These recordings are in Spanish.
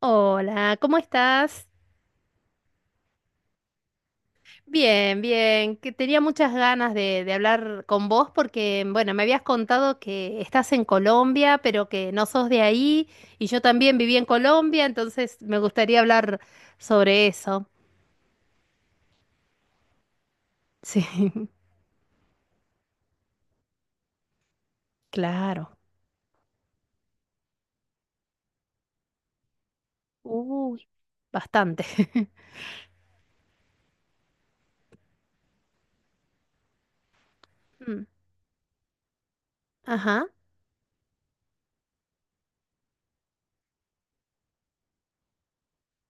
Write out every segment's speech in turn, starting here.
Hola, ¿cómo estás? Bien, bien, que tenía muchas ganas de hablar con vos porque, bueno, me habías contado que estás en Colombia, pero que no sos de ahí y yo también viví en Colombia, entonces me gustaría hablar sobre eso. Sí, claro. Uy, bastante. Mm, ajá,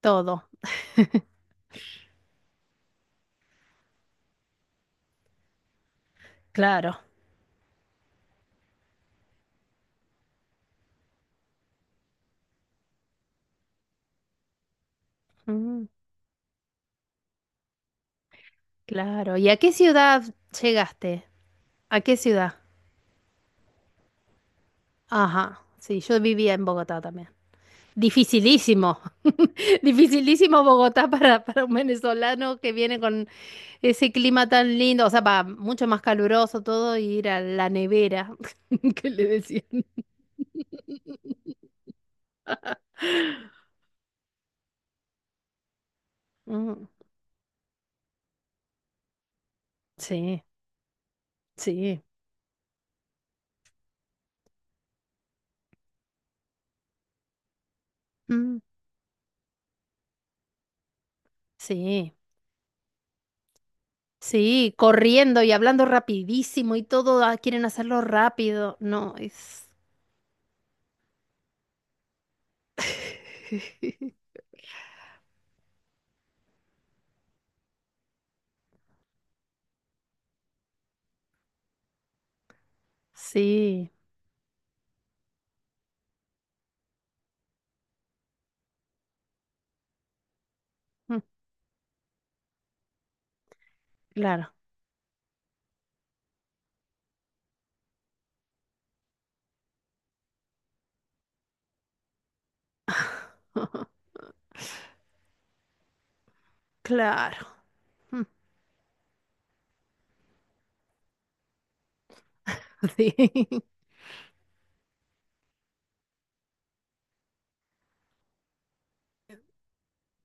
todo, claro. Mm, claro. ¿Y a qué ciudad llegaste? ¿A qué ciudad? Ajá, sí, yo vivía en Bogotá también. Dificilísimo, dificilísimo Bogotá para un venezolano que viene con ese clima tan lindo, o sea, va mucho más caluroso todo y ir a la nevera, que le decían. Mm, sí, sí, mm, sí, sí, corriendo y hablando rapidísimo y todo, ah, quieren hacerlo rápido, no, es. Sí, mm, claro, claro, mm, sí.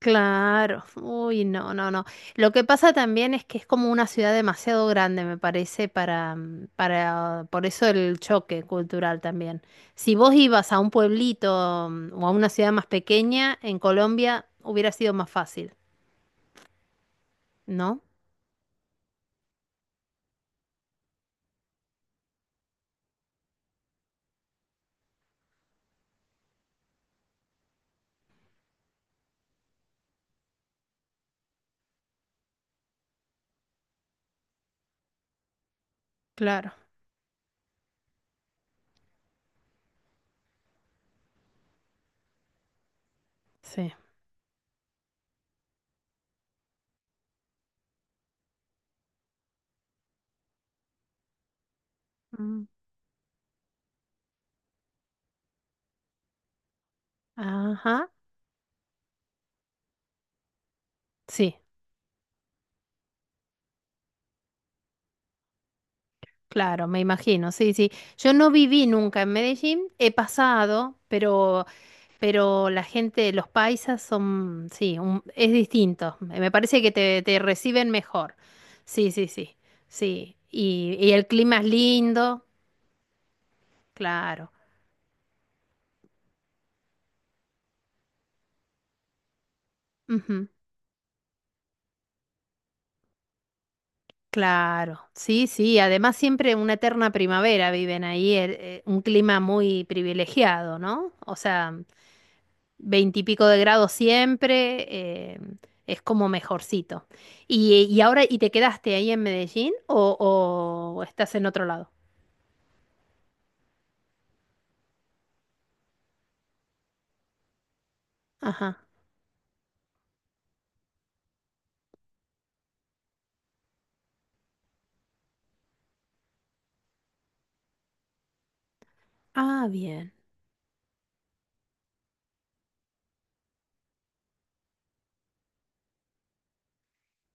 Claro, uy, no, no, no. Lo que pasa también es que es como una ciudad demasiado grande, me parece, para por eso el choque cultural también. Si vos ibas a un pueblito mm, o a una ciudad más pequeña, en Colombia hubiera sido más fácil, ¿no? Claro, sí. Mm, ajá, sí, claro, me imagino, sí, sí. Yo no viví nunca en Medellín, he pasado, pero la gente, los paisas son, sí, es distinto. Me parece que te reciben mejor. Sí, sí, sí, sí. Y el clima es lindo, claro. Ujú, claro, sí, sí. Además siempre una eterna primavera viven ahí, un clima muy privilegiado, ¿no? O sea, veintipico de grados siempre, eh, es como mejorcito. Y ahora, ¿y te quedaste ahí en Medellín o estás en otro lado? Ajá. Ah, bien.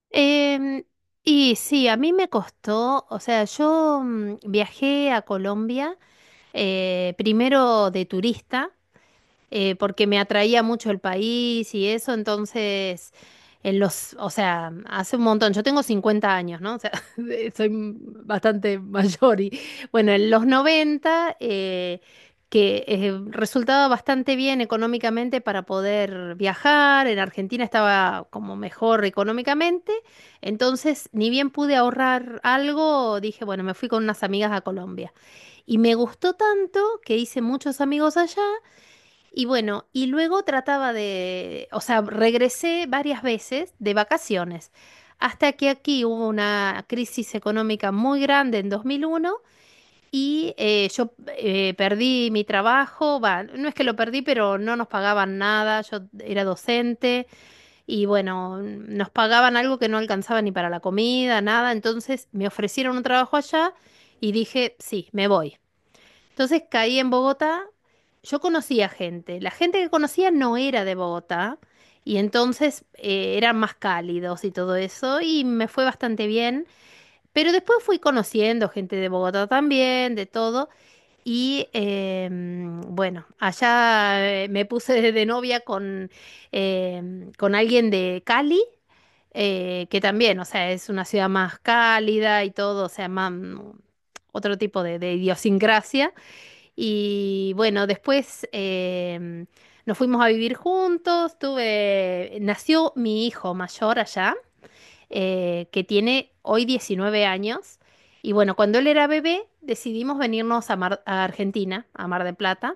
Em, y sí, a mí me costó, o sea, viajé a Colombia primero de turista. Porque me atraía mucho el país y eso, entonces, o sea, hace un montón, yo tengo 50 años, ¿no? O sea, soy bastante mayor y bueno, en los 90 que resultaba bastante bien económicamente para poder viajar, en Argentina estaba como mejor económicamente, entonces ni bien pude ahorrar algo, dije, bueno, me fui con unas amigas a Colombia. Y me gustó tanto que hice muchos amigos allá y bueno, y luego trataba de, o sea, regresé varias veces de vacaciones, hasta que aquí hubo una crisis económica muy grande en 2001 y yo perdí mi trabajo, va, no es que lo perdí, pero no nos pagaban nada, yo era docente y bueno, mm, nos pagaban algo que no alcanzaba ni para la comida, nada, entonces me ofrecieron un trabajo allá y dije, sí, me voy. Entonces caí en Bogotá, yo conocía gente, la gente que conocía no era de Bogotá y entonces eran más cálidos y todo eso y me fue bastante bien, pero después fui conociendo gente de Bogotá también, de todo y bueno, allá me puse de novia con, con alguien de Cali que también, o sea, es una ciudad más cálida y todo, o sea, más mm, otro tipo de idiosincrasia. Y bueno, después nos fuimos a vivir juntos, tuve, nació mi hijo mayor allá, que tiene hoy 19 años. Y bueno, cuando él era bebé, decidimos venirnos a, a Argentina, a Mar del Plata.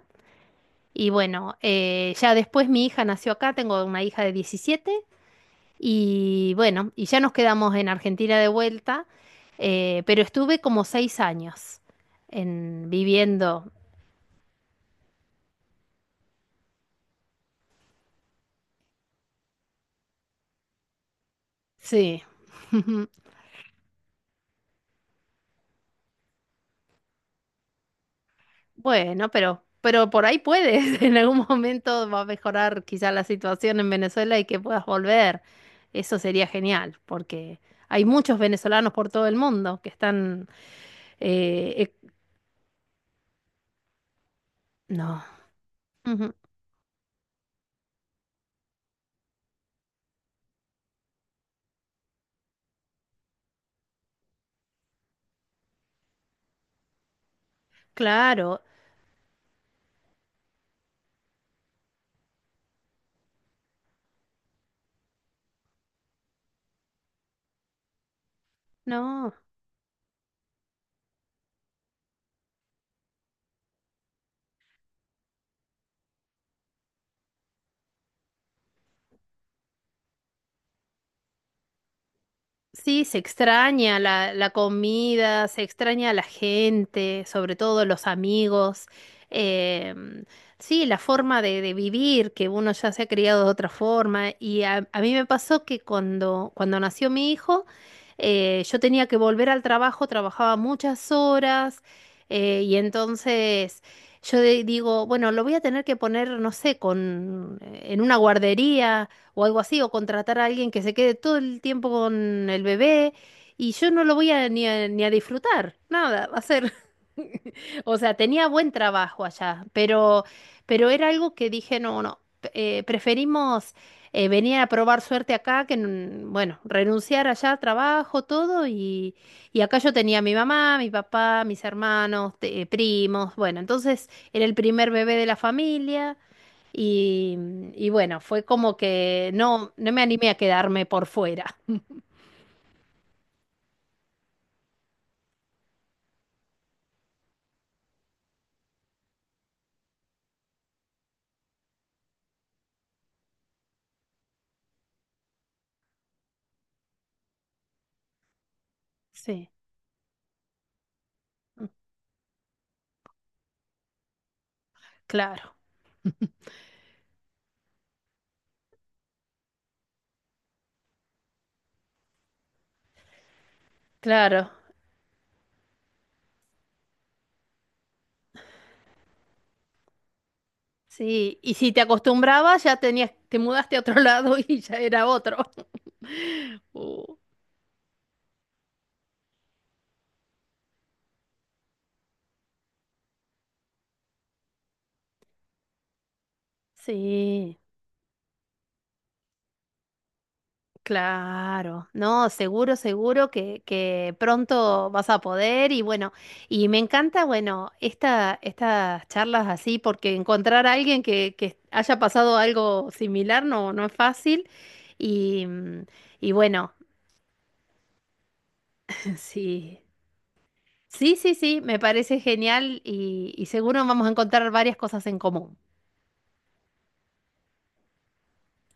Y bueno, ya después mi hija nació acá, tengo una hija de 17. Y bueno, y ya nos quedamos en Argentina de vuelta, pero estuve como 6 años en viviendo, sí. Bueno, pero por ahí puedes. En algún momento va a mejorar quizá la situación en Venezuela y que puedas volver. Eso sería genial, porque hay muchos venezolanos por todo el mundo que están... eh, ec- no. Ujú. Claro, no. Sí, se extraña la, la comida, se extraña a la gente, sobre todo los amigos. em, sí, la forma de vivir, que uno ya se ha criado de otra forma. Y a mí me pasó que cuando, cuando nació mi hijo, yo tenía que volver al trabajo, trabajaba muchas horas, y entonces yo digo, bueno, lo voy a tener que poner, no sé, con, en una guardería o algo así, o contratar a alguien que se quede todo el tiempo con el bebé y yo no lo voy a ni ni a disfrutar, nada, va a ser... O sea, tenía buen trabajo allá, pero era algo que dije, no, no, preferimos venir a probar suerte acá que, bueno, renunciar allá trabajo, todo, y acá yo tenía a mi mamá, mi papá, mis hermanos, primos, bueno, entonces era el primer bebé de la familia. Y, y bueno, fue como que no, no me animé a quedarme por fuera. Sí, claro, claro. Sí, y si te acostumbrabas, ya tenías, te mudaste a otro lado y ya era otro. Uh, sí. Claro, no, seguro, seguro que pronto vas a poder y bueno, y me encanta, bueno, esta, estas charlas así, porque encontrar a alguien que haya pasado algo similar no, no es fácil y, mm, y bueno, sí, sí, sí, sí, me parece genial y seguro vamos a encontrar varias cosas en común.